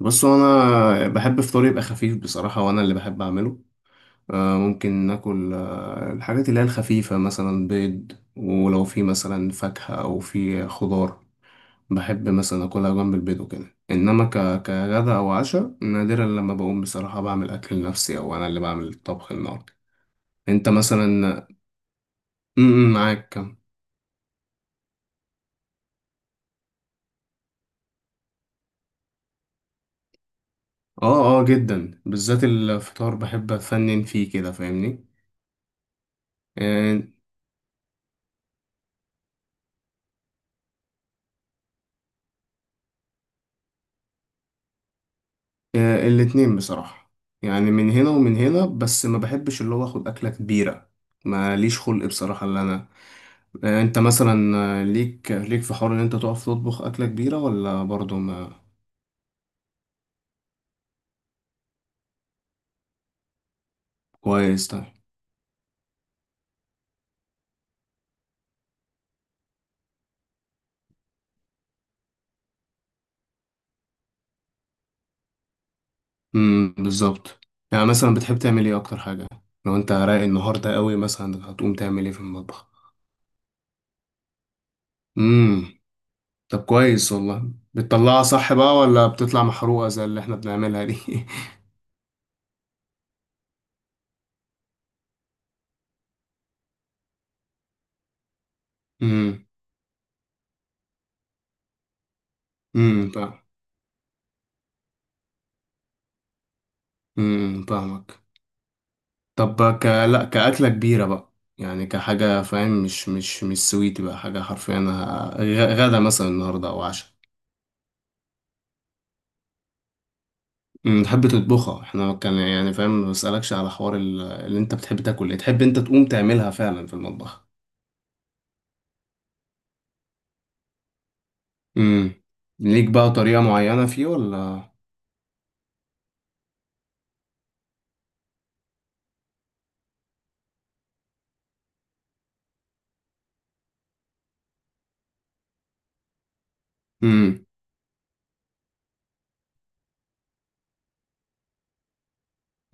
بص، انا بحب فطوري يبقى خفيف بصراحه، وانا اللي بحب اعمله. ممكن ناكل الحاجات اللي هي الخفيفه، مثلا بيض، ولو في مثلا فاكهه او في خضار بحب مثلا اكلها جنب البيض وكده. انما كغدا او عشاء، نادرا لما بقوم بصراحه بعمل اكل لنفسي او انا اللي بعمل الطبخ النهارده. انت مثلا، م- م، معاك كم؟ اه اه، جدا، بالذات الفطار بحب افنن فيه كده، فاهمني؟ آه، آه، الاتنين بصراحة. يعني من هنا ومن هنا، بس ما بحبش اللي هو اخد أكلة كبيرة. ماليش خلق بصراحة اللي أنا... أنت مثلا، ليك في حوار إن أنت تقف تطبخ أكلة كبيرة ولا برضه ما؟ كويس، طيب. امم، بالظبط. يعني مثلا بتحب تعمل إيه أكتر حاجة؟ لو أنت رايق النهاردة قوي، مثلا هتقوم تعمل إيه في المطبخ؟ امم. طب كويس، والله بتطلعها صح بقى ولا بتطلع محروقة زي اللي إحنا بنعملها دي؟ امم، امم، فاهم. امم، فاهمك. طب لا، كأكلة كبيرة بقى، يعني كحاجة، فاهم؟ مش سويتي بقى حاجة حرفيا، غدا مثلا النهاردة أو عشاء. أمم، تحب تطبخها؟ احنا كان يعني، فاهم، ما بسألكش على حوار اللي انت بتحب تاكل ايه، تحب انت تقوم تعملها فعلا في المطبخ. امم. ليك بقى طريقة معينة فيه ولا؟ امم،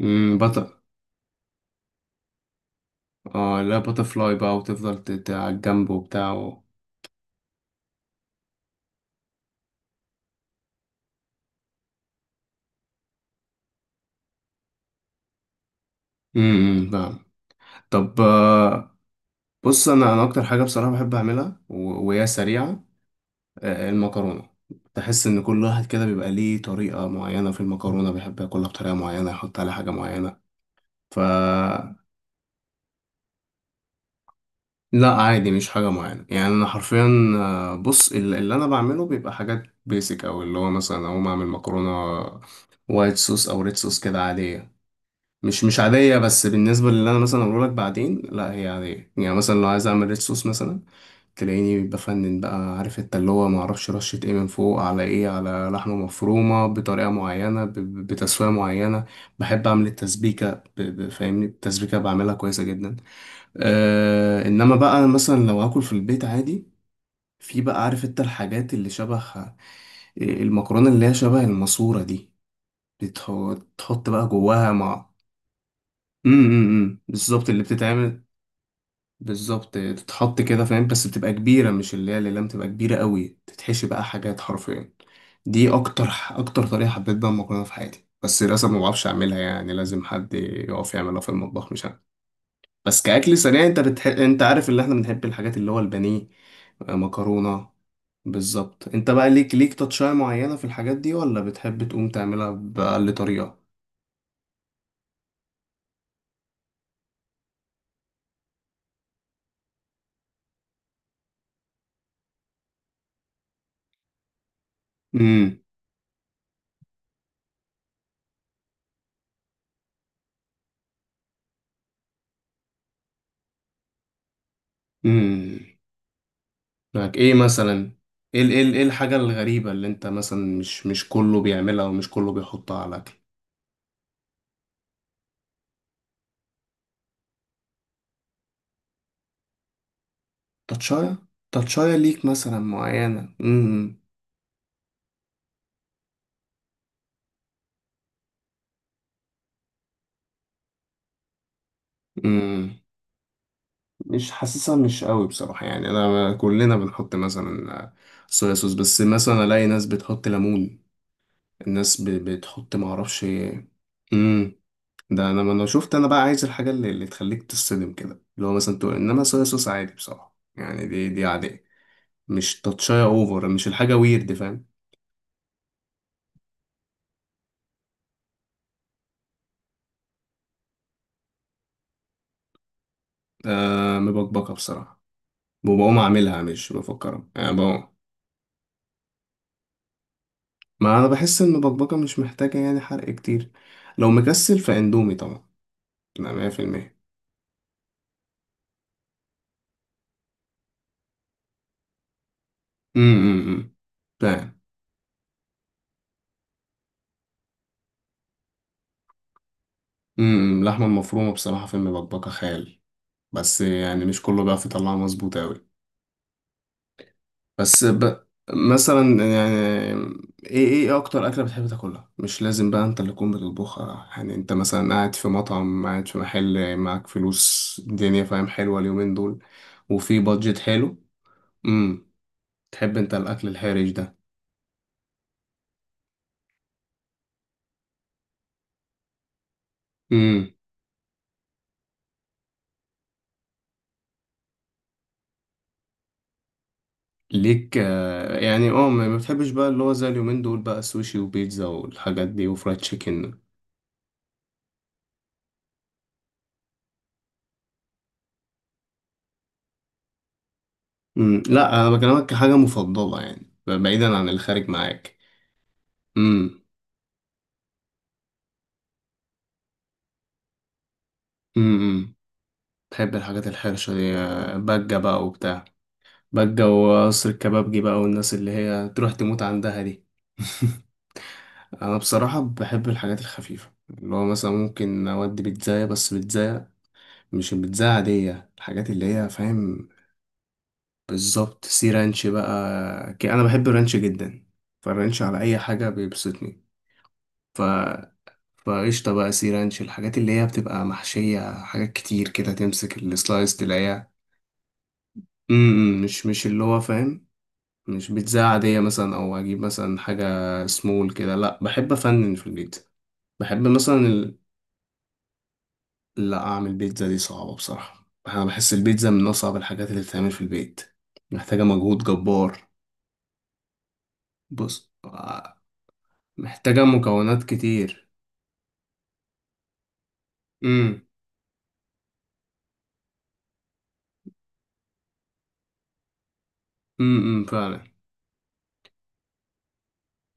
امم، بطل. اه، لا، باتر فلاي بقى وتفضل على الجنب وبتاع و... امم، أمم، فاهم. طب بص، انا اكتر حاجة بصراحة بحب اعملها، و... وهي سريعة، المكرونة. تحس إن كل واحد كده بيبقى ليه طريقة معينة في المكرونة، بيحب ياكلها بطريقة معينة، يحط عليها حاجة معينة. ف لا عادي، مش حاجة معينة، يعني أنا حرفيا بص، اللي أنا بعمله بيبقى حاجات بيسك، أو اللي هو مثلا أقوم أعمل مكرونة وايت صوص أو ريد صوص كده عادية. مش عادية، بس بالنسبة للي أنا مثلا أقوله لك بعدين لا هي عادية. يعني مثلا لو عايز أعمل ريد صوص مثلا، تلاقيني بفنن بقى، عارف انت، اللي هو معرفش رشة ايه من فوق على ايه، على لحمة مفرومة بطريقة معينة، بتسوية معينة. بحب اعمل التسبيكة، فاهمني، التسبيكة بعملها كويسة جدا. آه، انما بقى مثلا لو هاكل في البيت عادي، في بقى، عارف انت، الحاجات اللي شبه المكرونة اللي هي شبه الماسورة دي، بتحط بقى جواها مع... امم، بالظبط، اللي بتتعمل. بالظبط، تتحط كده، فاهم؟ بس بتبقى كبيرة، مش اللي هي الأقلام، تبقى كبيرة قوي، تتحشي بقى حاجات حرفيا. دي أكتر أكتر طريقة حبيت بقى المكرونة في حياتي، بس للأسف ما بعرفش أعملها، يعني لازم حد يقف يعملها في المطبخ مش أنا. بس كأكل سريع، أنت أنت عارف اللي إحنا بنحب الحاجات اللي هو البانيه، مكرونة. بالظبط. أنت بقى ليك تاتشاية معينة في الحاجات دي ولا بتحب تقوم تعملها بأقل طريقة؟ امم، امم. معاك ايه مثلا؟ ايه الحاجة الغريبة اللي انت مثلا مش كله بيعملها ومش كله بيحطها على الاكل؟ تاتشاية. تاتشاية ليك مثلا معينة؟ امم. امم، مش حاسسها مش قوي بصراحة. يعني انا كلنا بنحط مثلا صويا صوص، بس مثلا الاقي ناس بتحط ليمون، الناس بتحط معرفش. امم. ده انا، ما انا شفت، انا بقى عايز الحاجة اللي تخليك تصدم كده، اللي هو مثلا تقول، انما صويا صوص عادي بصراحة، يعني دي عادية. مش تاتشاية اوفر، مش الحاجة ويرد، فاهم؟ آه، مبكبكة بصراحة، وبقوم اعملها مش بفكرها، يعني بقوم... ما انا بحس ان المبكبكة مش محتاجة يعني حرق كتير. لو مكسل فاندومي طبعا، لا، مية في المية. امم، فاهم. امم، اللحمة المفرومة بصراحة في المبكبكة خيال، بس يعني مش كله بيعرف يطلعها مظبوط اوي. بس مثلا، يعني ايه اكتر اكله بتحب تاكلها، مش لازم بقى انت اللي تكون بتطبخها، يعني انت مثلا قاعد في مطعم، قاعد في محل، معاك فلوس الدنيا، فاهم، حلوه اليومين دول، وفي بادجت حلو. امم. تحب انت الاكل الحرج ده؟ امم. ليك يعني، اه، ما بتحبش بقى اللي هو زي اليومين دول بقى، سوشي وبيتزا والحاجات دي وفرايد تشيكن؟ امم. لا، انا بكلمك كحاجه مفضله، يعني بعيدا عن الخارج معاك. امم، امم، امم. بحب الحاجات الحرشة دي، بجة بقى وبتاع، بجة وقصر الكبابجي بقى، والناس اللي هي تروح تموت عندها دي. أنا بصراحة بحب الحاجات الخفيفة، اللي هو مثلا ممكن أودي بيتزاية، بس بيتزاية، مش البيتزاية عادية، الحاجات اللي هي، فاهم؟ بالظبط، سي رانش بقى. أنا بحب الرانش جدا، فالرانش على أي حاجة بيبسطني. ف فقشطة بقى، سي رانش الحاجات اللي هي بتبقى محشية حاجات كتير كده، تمسك السلايس تلاقيها... م- م، مش اللي هو، فاهم؟ مش بيتزا عادية مثلا، أو أجيب مثلا حاجة سمول كده، لأ بحب أفنن في البيتزا. بحب مثلا ال- لأ، أعمل بيتزا دي صعبة بصراحة، أنا بحس البيتزا من أصعب الحاجات اللي بتتعمل في البيت. محتاجة مجهود جبار. بص، محتاجة مكونات كتير. أمم، أمم، أمم، فعلا.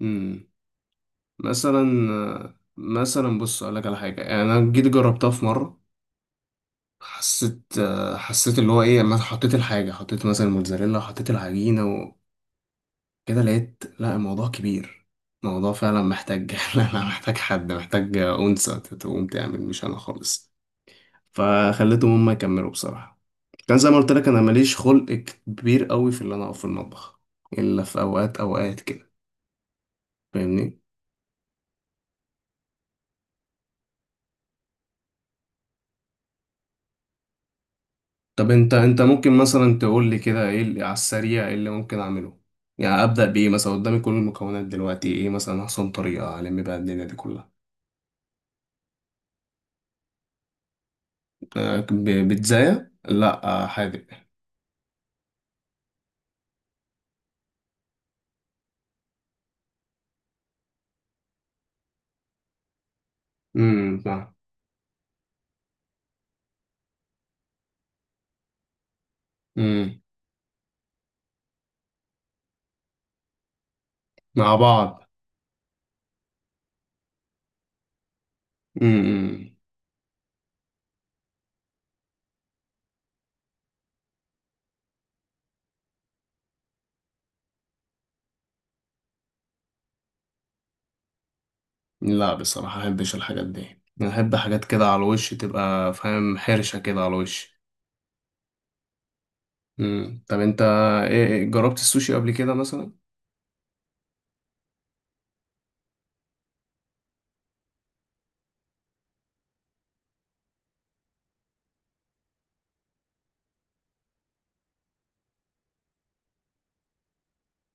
أمم. مثلا مثلا بص أقولك على حاجة. يعني أنا جيت جربتها في مرة، حسيت اللي هو ايه، لما حطيت الحاجه، حطيت مثلا الموتزاريلا، حطيت العجينه كده، لقيت لا الموضوع كبير. الموضوع فعلا محتاج... لا لا، محتاج حد، محتاج أنثى تقوم تعمل، مش أنا خالص. فخليتهم هما يكملوا بصراحة. كان زي ما قلت لك، أنا ماليش خلق كبير قوي في اللي أنا أقف في المطبخ، إلا في أوقات أوقات كده. فاهمني. طب أنت ممكن مثلا تقول لي كده إيه اللي على السريع، إيه اللي ممكن أعمله؟ يعني أبدأ بإيه مثلا قدامي كل المكونات دلوقتي؟ إيه مثلا أحسن طريقة ألم بيها الدنيا دي كلها؟ بيتزاية؟ لأ، حادق. امم، فاهم. امم. مع بعض. امم، لا بصراحة أحبش الحاجات دي، أنا أحب حاجات كده على الوش تبقى، فاهم، حرشة كده على الوش. امم، طب أنت، إيه إيه، جربت السوشي قبل كده مثلا؟